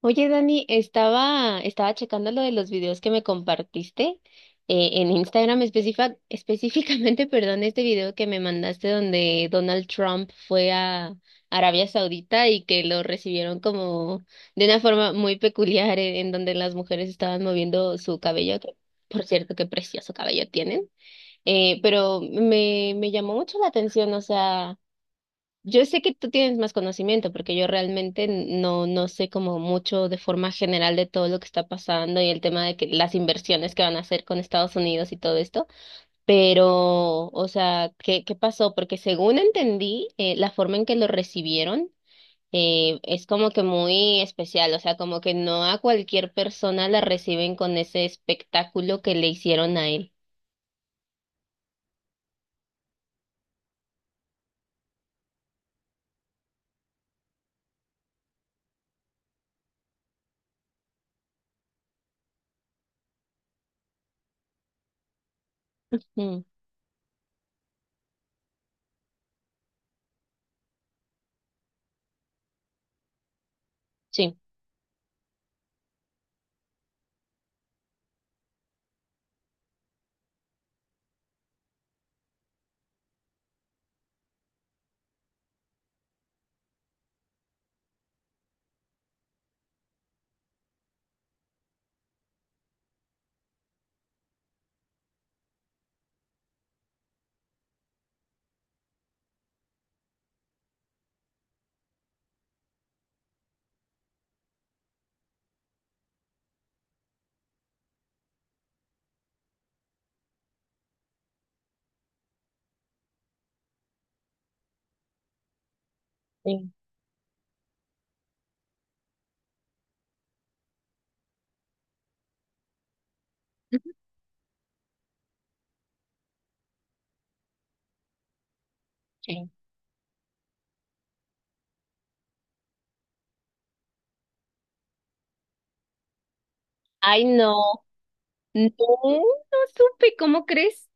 Oye, Dani, estaba checando lo de los videos que me compartiste en Instagram específicamente, perdón, este video que me mandaste donde Donald Trump fue a Arabia Saudita y que lo recibieron como de una forma muy peculiar en donde las mujeres estaban moviendo su cabello, que por cierto, qué precioso cabello tienen, pero me llamó mucho la atención, o sea... Yo sé que tú tienes más conocimiento porque yo realmente no sé como mucho de forma general de todo lo que está pasando y el tema de que las inversiones que van a hacer con Estados Unidos y todo esto, pero, o sea, qué pasó? Porque según entendí, la forma en que lo recibieron es como que muy especial, o sea, como que no a cualquier persona la reciben con ese espectáculo que le hicieron a él. Mm, sí. Sí. Ujú. Sí. Ay, no, no, no supe, ¿cómo crees?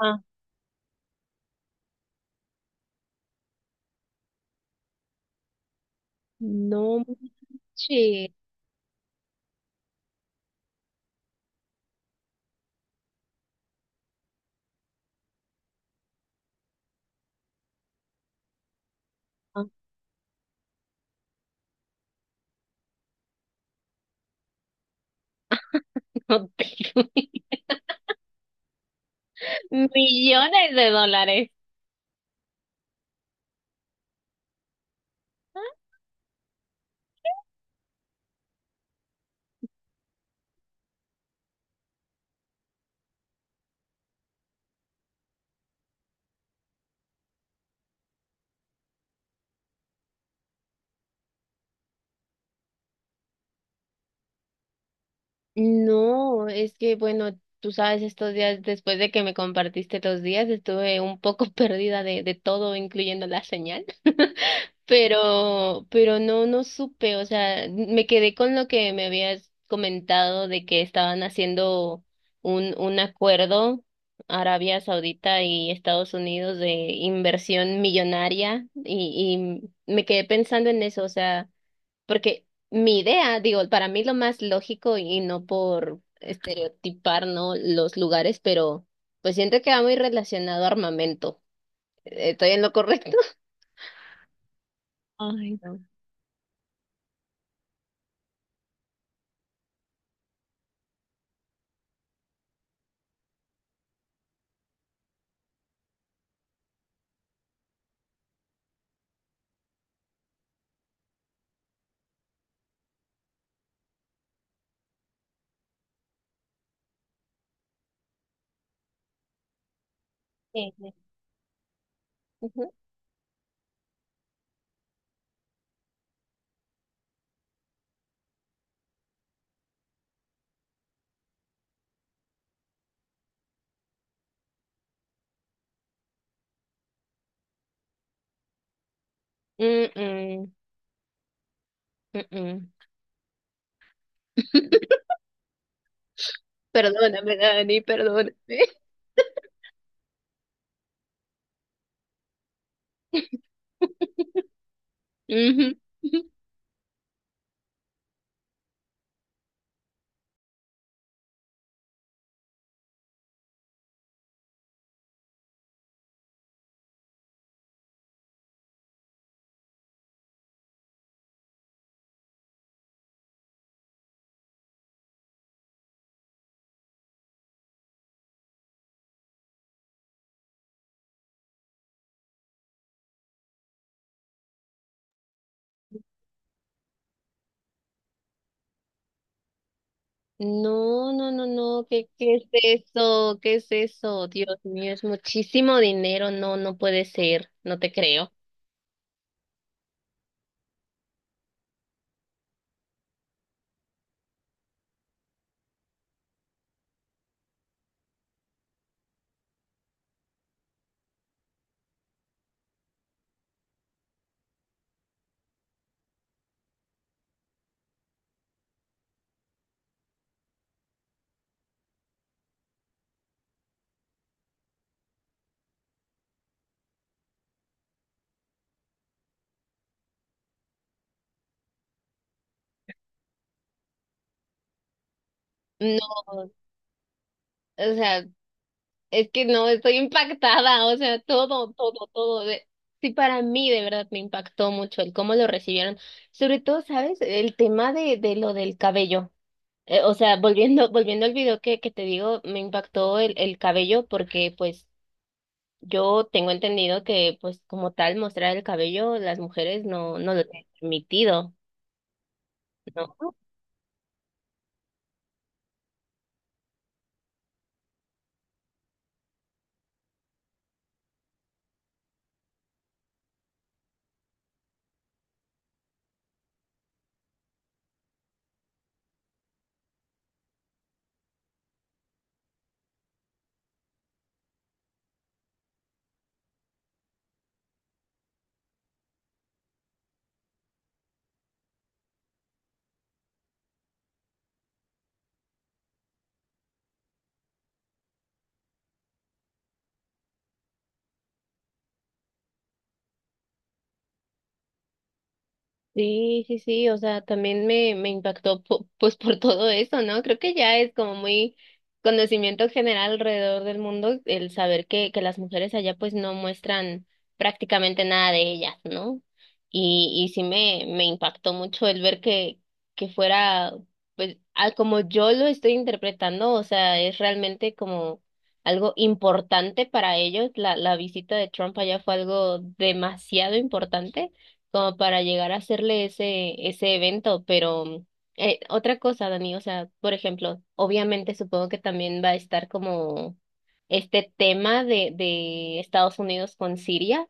Ah, no manches. Ah, no tengo. Millones de dólares. No, es que bueno, tú sabes, estos días, después de que me compartiste los días, estuve un poco perdida de todo, incluyendo la señal. Pero no, no supe, o sea, me quedé con lo que me habías comentado de que estaban haciendo un acuerdo Arabia Saudita y Estados Unidos de inversión millonaria y me quedé pensando en eso, o sea, porque mi idea, digo, para mí lo más lógico y no por estereotipar, ¿no? Los lugares, pero pues siento que va muy relacionado a armamento. ¿Estoy en lo correcto? Ay, no. Sí, sí. Mm-mm, mm-mm. Perdóname, Dani, perdóname. Ujú. No, no, no, no, qué es eso? ¿Qué es eso? Dios mío, es muchísimo dinero, no, no puede ser, no te creo. No, o sea, es que no, estoy impactada, o sea, todo, todo, todo. Sí, para mí de verdad me impactó mucho el cómo lo recibieron. Sobre todo, ¿sabes? El tema de lo del cabello. O sea, volviendo al video que te digo, me impactó el cabello porque pues yo tengo entendido que pues como tal mostrar el cabello las mujeres no, no lo tienen permitido, ¿no? Sí, sí, sí, o sea, también me impactó pues por todo eso, ¿no? Creo que ya es como muy conocimiento general alrededor del mundo el saber que las mujeres allá pues no muestran prácticamente nada de ellas, ¿no? Y sí me impactó mucho el ver que fuera, pues, a como yo lo estoy interpretando, o sea, es realmente como algo importante para ellos. La visita de Trump allá fue algo demasiado importante como para llegar a hacerle ese, ese evento, pero otra cosa, Dani, o sea, por ejemplo, obviamente supongo que también va a estar como este tema de Estados Unidos con Siria,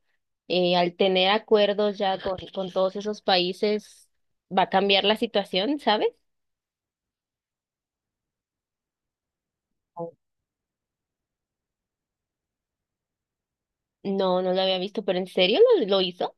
al tener acuerdos ya con todos esos países, ¿va a cambiar la situación, sabes? No, no lo había visto, pero ¿en serio lo hizo?